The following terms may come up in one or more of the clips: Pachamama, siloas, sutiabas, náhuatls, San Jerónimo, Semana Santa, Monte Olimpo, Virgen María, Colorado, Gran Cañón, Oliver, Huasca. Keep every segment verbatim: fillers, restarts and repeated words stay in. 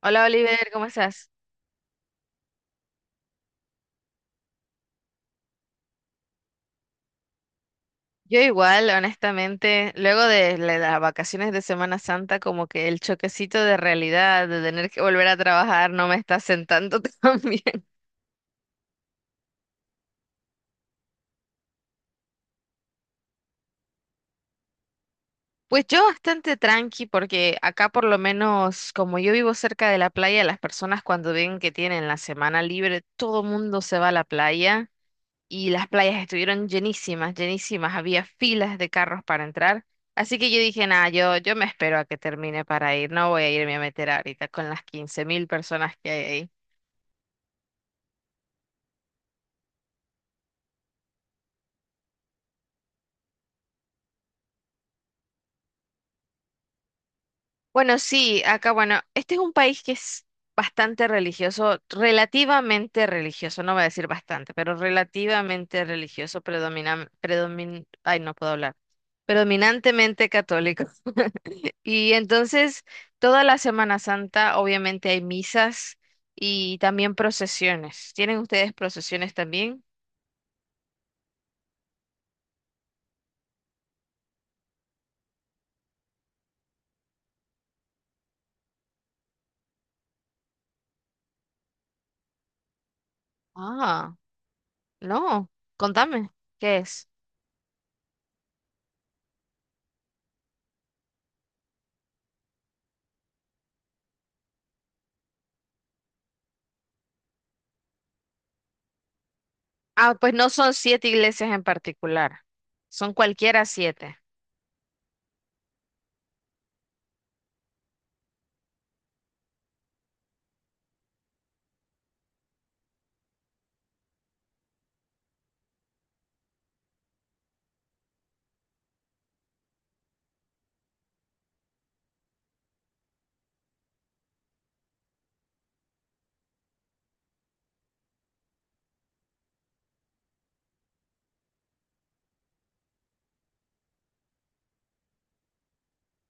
Hola Oliver, ¿cómo estás? Yo igual, honestamente, luego de la- las vacaciones de Semana Santa, como que el choquecito de realidad, de tener que volver a trabajar, no me está sentando tan bien. Pues yo bastante tranqui, porque acá por lo menos, como yo vivo cerca de la playa, las personas cuando ven que tienen la semana libre, todo mundo se va a la playa. Y las playas estuvieron llenísimas, llenísimas, había filas de carros para entrar. Así que yo dije, nada, yo, yo me espero a que termine para ir, no voy a irme a meter ahorita con las quince mil personas que hay ahí. Bueno, sí, acá, bueno, este es un país que es bastante religioso, relativamente religioso, no voy a decir bastante, pero relativamente religioso, predomina, predomin, ay, no puedo hablar, predominantemente católico. Y entonces, toda la Semana Santa, obviamente hay misas y también procesiones. ¿Tienen ustedes procesiones también? Ah, no. Contame, ¿qué es? Ah, pues no son siete iglesias en particular, son cualquiera siete.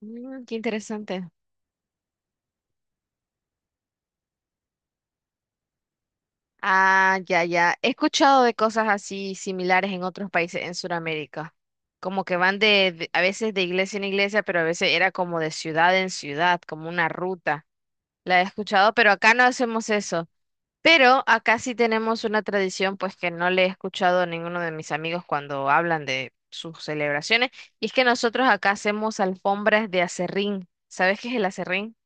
Mm, qué interesante. Ah, ya, ya. He escuchado de cosas así similares en otros países en Sudamérica. Como que van de, de- a veces de iglesia en iglesia, pero a veces era como de ciudad en ciudad, como una ruta. La he escuchado, pero acá no hacemos eso. Pero acá sí tenemos una tradición, pues que no le he escuchado a ninguno de mis amigos cuando hablan de sus celebraciones, y es que nosotros acá hacemos alfombras de acerrín. ¿Sabes qué es el acerrín?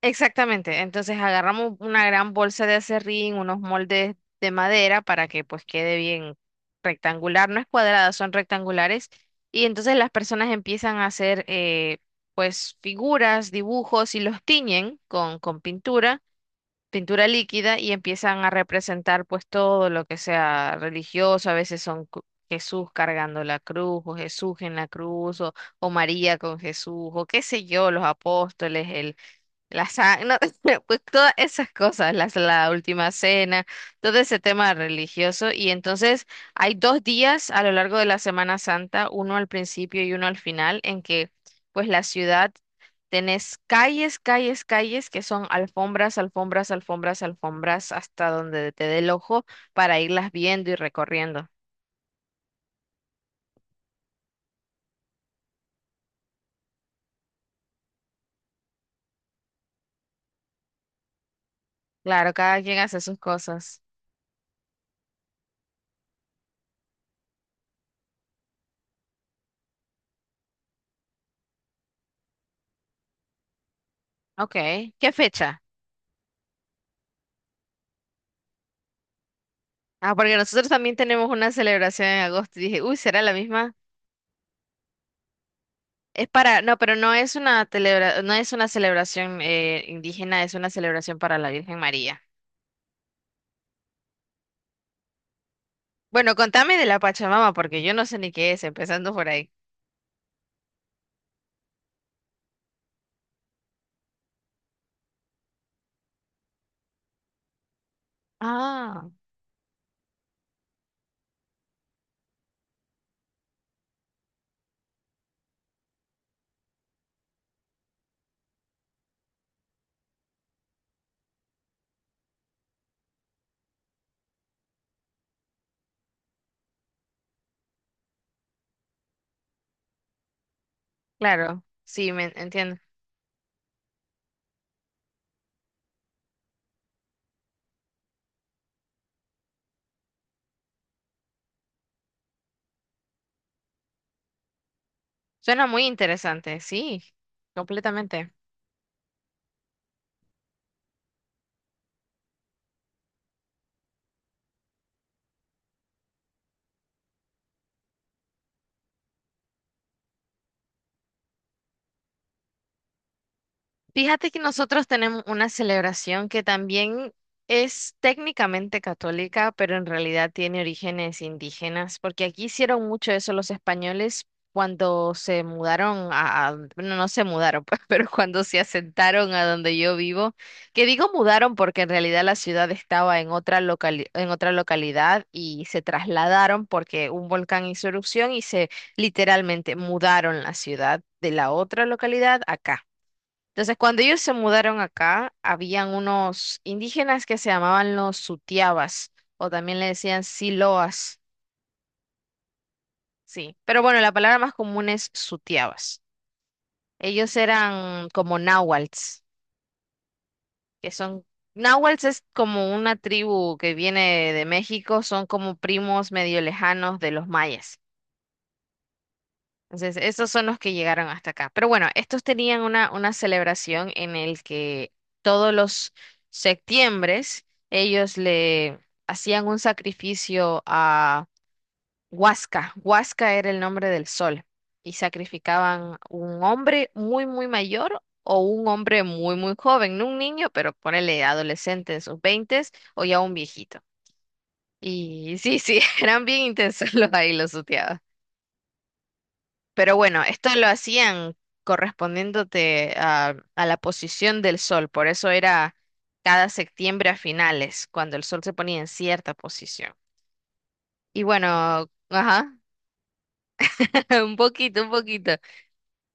Exactamente. Entonces agarramos una gran bolsa de acerrín, unos moldes de madera para que pues quede bien rectangular, no es cuadrada, son rectangulares, y entonces las personas empiezan a hacer eh, pues figuras, dibujos y los tiñen con, con pintura pintura líquida y empiezan a representar pues todo lo que sea religioso, a veces son cru- Jesús cargando la cruz o Jesús en la cruz o, o María con Jesús o qué sé yo, los apóstoles, el la sa- no, pues todas esas cosas, las, la última cena, todo ese tema religioso. Y entonces hay dos días a lo largo de la Semana Santa, uno al principio y uno al final, en que pues la ciudad tenés calles, calles, calles que son alfombras, alfombras, alfombras, alfombras, hasta donde te dé el ojo para irlas viendo y recorriendo. Claro, cada quien hace sus cosas. Ok, ¿qué fecha? Ah, porque nosotros también tenemos una celebración en agosto. Y dije, uy, ¿será la misma? Es para, no, pero no es una celebra, no es una celebración eh, indígena, es una celebración para la Virgen María. Bueno, contame de la Pachamama, porque yo no sé ni qué es, empezando por ahí. Ah, claro, sí, me entiendo. Suena muy interesante, sí, completamente. Fíjate que nosotros tenemos una celebración que también es técnicamente católica, pero en realidad tiene orígenes indígenas, porque aquí hicieron mucho eso los españoles cuando se mudaron a, a- bueno, no se mudaron, pues, pero cuando se asentaron a donde yo vivo, que digo mudaron porque en realidad la ciudad estaba en otra locali- en otra localidad y se trasladaron porque un volcán hizo erupción y se literalmente mudaron la ciudad de la otra localidad acá. Entonces, cuando ellos se mudaron acá, habían unos indígenas que se llamaban los sutiabas, o también le decían siloas, sí. Pero bueno, la palabra más común es sutiabas. Ellos eran como náhuatls, que son... Náhuatls es como una tribu que viene de México, son como primos medio lejanos de los mayas. Entonces, estos son los que llegaron hasta acá. Pero bueno, estos tenían una, una celebración en el que todos los septiembres ellos le hacían un sacrificio a Huasca. Huasca era el nombre del sol. Y sacrificaban un hombre muy, muy mayor o un hombre muy, muy joven. No un niño, pero ponele adolescente en sus veintes o ya un viejito. Y sí, sí, eran bien intensos los ahí los sutiados. Pero bueno, esto lo hacían correspondiéndote a, a la posición del sol, por eso era cada septiembre a finales, cuando el sol se ponía en cierta posición. Y bueno, ajá, un poquito, un poquito.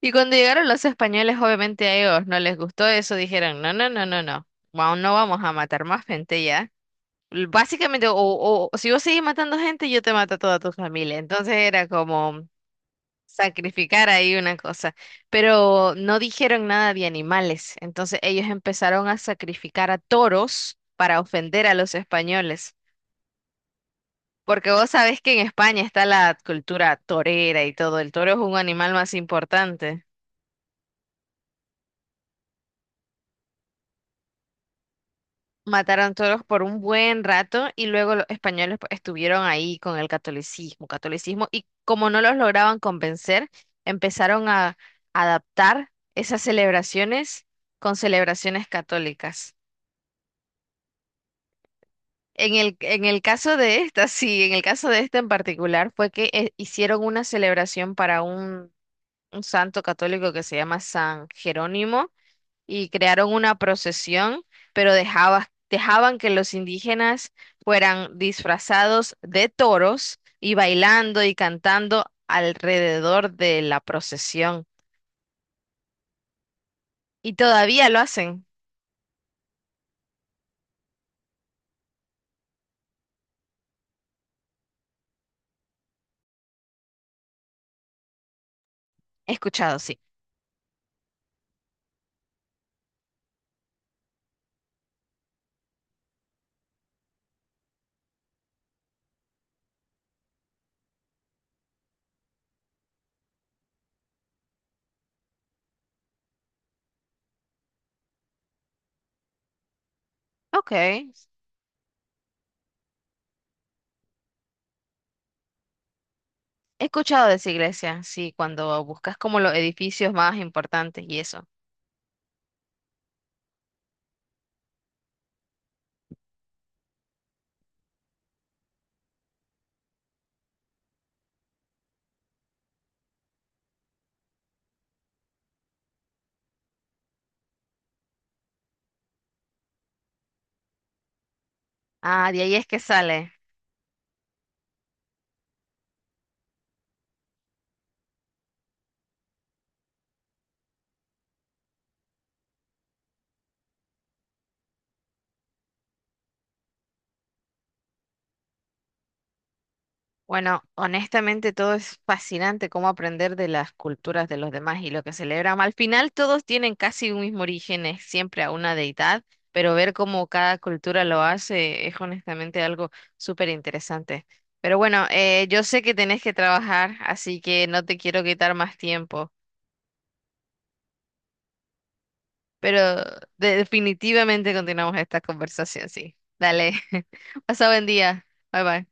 Y cuando llegaron los españoles, obviamente a ellos no les gustó eso, dijeron, no, no, no, no, no, wow, no vamos a matar más gente ya. L- Básicamente, o, o o si vos seguís matando gente, yo te mato a toda tu familia. Entonces era como... sacrificar ahí una cosa, pero no dijeron nada de animales, entonces ellos empezaron a sacrificar a toros para ofender a los españoles, porque vos sabés que en España está la cultura torera y todo, el toro es un animal más importante. Mataron toros por un buen rato y luego los españoles pues, estuvieron ahí con el catolicismo, catolicismo, y como no los lograban convencer, empezaron a adaptar esas celebraciones con celebraciones católicas. En el, en el caso de esta, sí, en el caso de esta en particular, fue que eh, hicieron una celebración para un, un santo católico que se llama San Jerónimo y crearon una procesión, pero dejaba- dejaban que los indígenas fueran disfrazados de toros y bailando y cantando alrededor de la procesión. Y todavía lo hacen. He escuchado, sí. Ok. He escuchado de esa iglesia, sí, cuando buscas como los edificios más importantes y eso. Ah, de ahí es que sale. Bueno, honestamente todo es fascinante cómo aprender de las culturas de los demás y lo que celebran. Al final todos tienen casi un mismo origen, es siempre a una deidad, pero ver cómo cada cultura lo hace es honestamente algo súper interesante. Pero bueno, eh, yo sé que tenés que trabajar, así que no te quiero quitar más tiempo. Pero de- definitivamente continuamos esta conversación, sí. Dale. Pasa buen día. Bye bye.